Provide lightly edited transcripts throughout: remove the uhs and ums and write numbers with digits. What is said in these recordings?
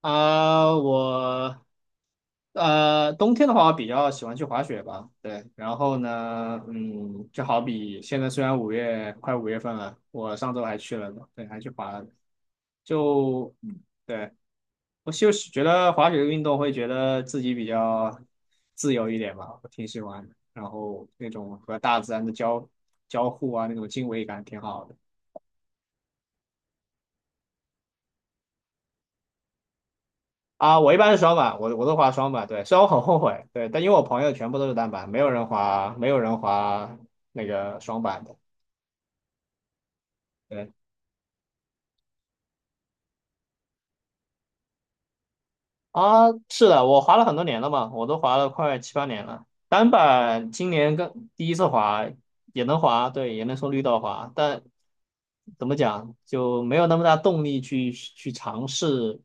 啊，冬天的话，我比较喜欢去滑雪吧。对，然后呢，就好比现在虽然快五月份了，我上周还去了呢，对，还去滑了。就，嗯对，我就是觉得滑雪这个运动会觉得自己比较自由一点吧，我挺喜欢的。然后那种和大自然的交互啊，那种敬畏感挺好的。啊，我一般是双板，我都滑双板，对，虽然我很后悔，对，但因为我朋友全部都是单板，没有人滑那个双板的，对，啊，是的，我滑了很多年了嘛，我都滑了快七八年了。单板今年刚第一次滑，也能滑，对，也能从绿道滑，但怎么讲就没有那么大动力去尝试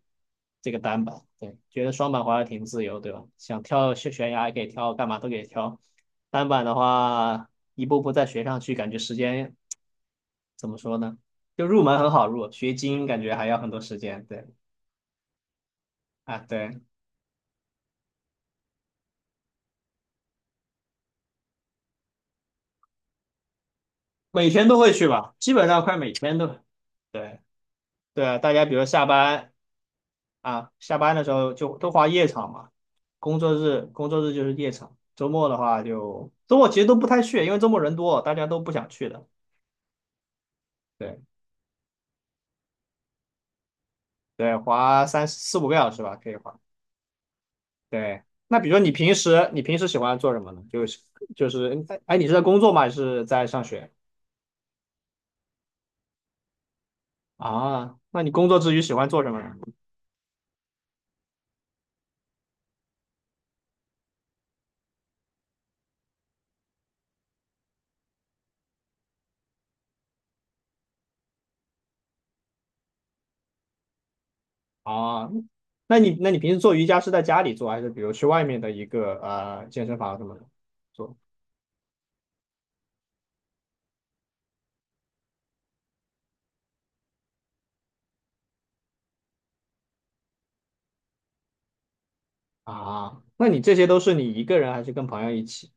这个单板。对，觉得双板滑的挺自由，对吧？想跳悬崖也可以跳，干嘛都可以跳。单板的话，一步步再学上去，感觉时间怎么说呢？就入门很好入，学精英感觉还要很多时间。对，啊，对。每天都会去吧，基本上快每天都。对对啊，大家比如下班啊，下班的时候就都划夜场嘛，工作日就是夜场，周末的话就周末其实都不太去，因为周末人多，大家都不想去的。对对，划三四五个小时吧，可以划。对，那比如说你平时喜欢做什么呢？哎哎，你是在工作吗？还是在上学？啊？那你工作之余喜欢做什么呢？啊，那你平时做瑜伽是在家里做，还是比如去外面的一个健身房什么的做？啊，那你这些都是你一个人还是跟朋友一起？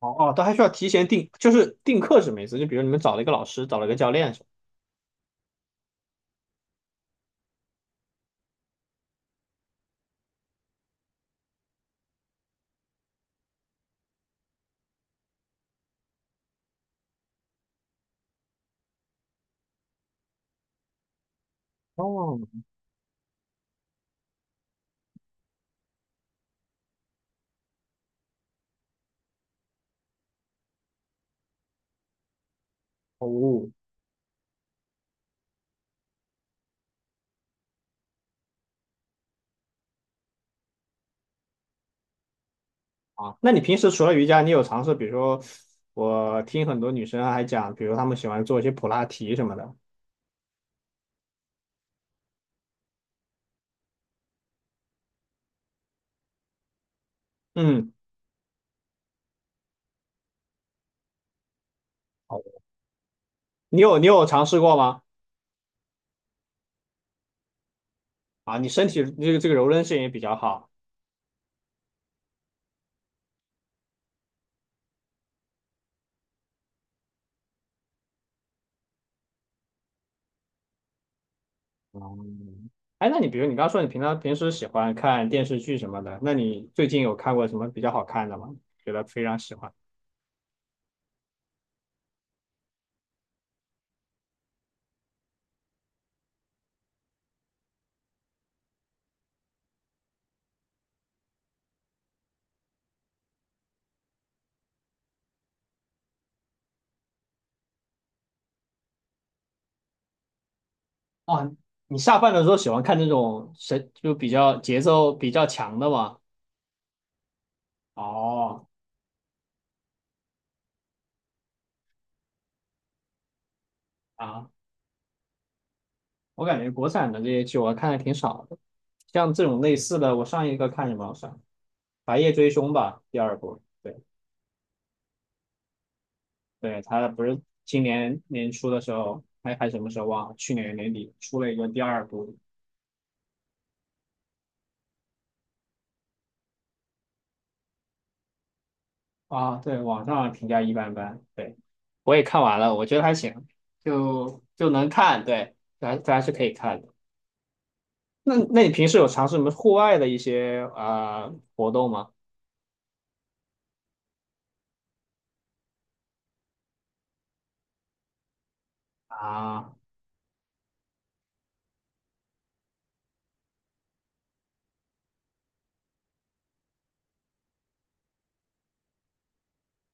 哦哦，都还需要提前定，就是定课什么意思？就比如你们找了一个老师，找了一个教练是吧？哦哦啊，那你平时除了瑜伽，你有尝试，比如说我听很多女生还讲，比如她们喜欢做一些普拉提什么的。嗯，好，你有你有尝试过吗？啊，你身体这个柔韧性也比较好。哦，哎，那你比如你刚刚说你平时喜欢看电视剧什么的，那你最近有看过什么比较好看的吗？觉得非常喜欢。哦，你下饭的时候喜欢看这种谁就比较节奏比较强的吗？哦，啊，我感觉国产的这些剧我看的挺少的，像这种类似的，我上一个看什么？我上《白夜追凶》吧，第二部。对对，他不是今年年初的时候，还什么时候忘了？去年年底出了一个第二部，啊，对，网上评价一般般，对，我也看完了，我觉得还行，就能看，对，还是可以看的。那你平时有尝试什么户外的一些活动吗？啊，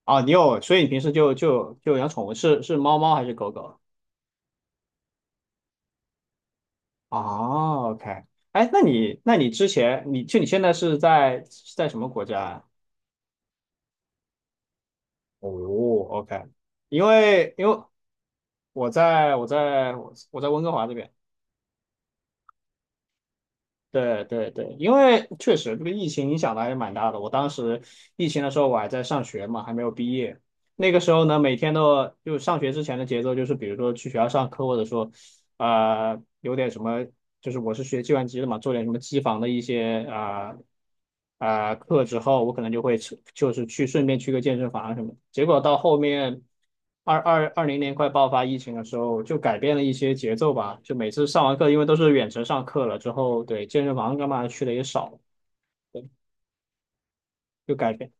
哦，你有，所以你平时就养宠物，是猫猫还是狗狗？哦，OK,哎，那你之前你就你现在是在什么国家呀？哦，OK,因为我在我在我在温哥华这边。对对对，因为确实这个疫情影响的还是蛮大的。我当时疫情的时候，我还在上学嘛，还没有毕业。那个时候呢，每天都就上学之前的节奏就是，比如说去学校上课，或者说有点什么，就是我是学计算机的嘛，做点什么机房的一些课之后，我可能就会去就是去顺便去个健身房什么的。结果到后面二零年快爆发疫情的时候，就改变了一些节奏吧，就每次上完课，因为都是远程上课了之后，对健身房干嘛去的也少了，对，就改变。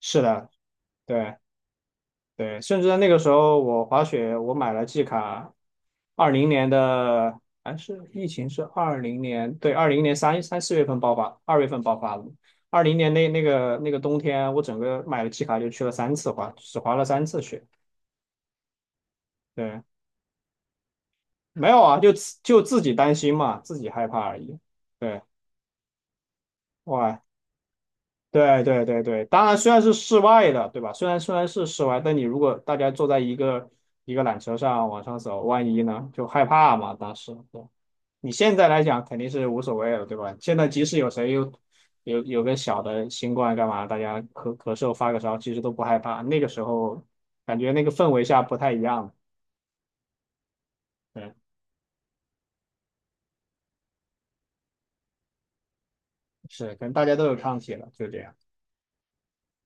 是的，对。对，甚至在那个时候，我滑雪，我买了季卡，二零年的，还是疫情是二零年，对，二零年四月份爆发，2月份爆发的。二零年那个冬天，我整个买了季卡就去了三次滑，只滑了三次雪。对，没有啊，就自就自己担心嘛，自己害怕而已。对，哇，对对对对，当然虽然是室外的，对吧？虽然是室外，但你如果大家坐在一个缆车上往上走，万一呢，就害怕嘛。当时，对，你现在来讲肯定是无所谓了，对吧？现在即使有谁有个小的新冠干嘛，大家咳嗽发个烧，其实都不害怕。那个时候感觉那个氛围下不太一样，对，是，可能大家都有抗体了，就这样。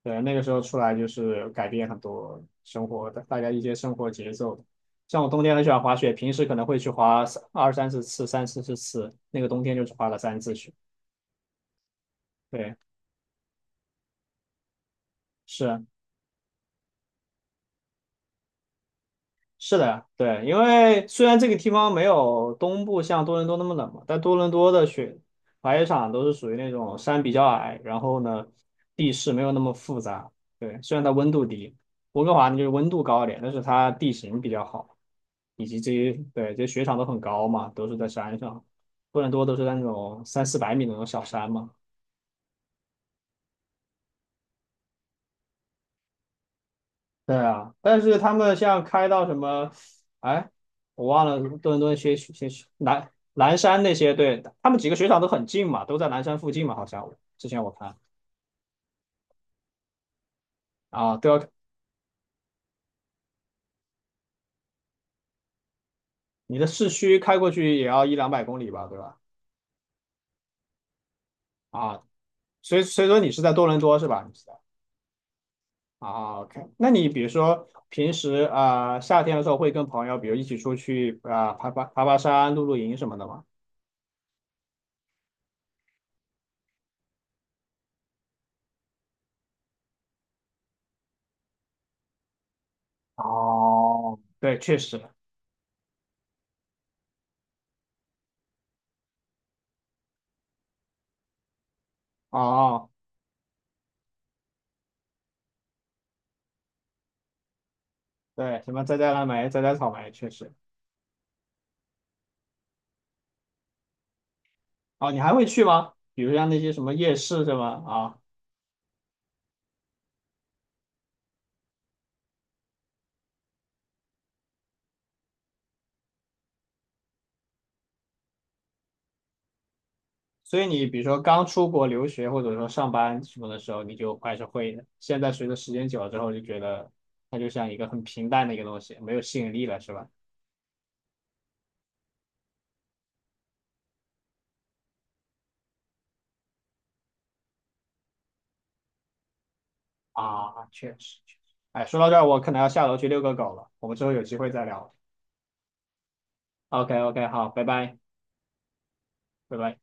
对，那个时候出来就是改变很多生活的，大家一些生活节奏。像我冬天很喜欢滑雪，平时可能会去滑二三十次、三四十次，那个冬天就是滑了三次雪。对，是，是的，对，因为虽然这个地方没有东部像多伦多那么冷嘛，但多伦多的雪滑雪场都是属于那种山比较矮，然后呢，地势没有那么复杂。对，虽然它温度低，温哥华呢就是温度高一点，但是它地形比较好，以及这些对这些雪场都很高嘛，都是在山上。多伦多都是在那种三四百米的那种小山嘛，对啊，但是他们像开到什么，哎，我忘了多伦顿顿些些南南山那些，对，他们几个雪场都很近嘛，都在南山附近嘛，好像我之前我看啊，都要你的市区开过去也要一两百公里吧，对吧？啊，所以说你是在多伦多是吧？你是在。啊，OK,那你比如说平时夏天的时候会跟朋友，比如一起出去啊、爬山、露营什么的吗？哦，对，确实。哦，对，什么摘摘蓝莓、摘摘草莓，确实。哦，你还会去吗？比如像那些什么夜市是么啊，所以你比如说刚出国留学或者说上班什么的时候，你就还是会的。现在随着时间久了之后，就觉得它就像一个很平淡的一个东西，没有吸引力了，是吧？啊，确实，确实。哎，说到这儿，我可能要下楼去遛个狗了，我们之后有机会再聊。OK OK,好，拜拜，拜拜。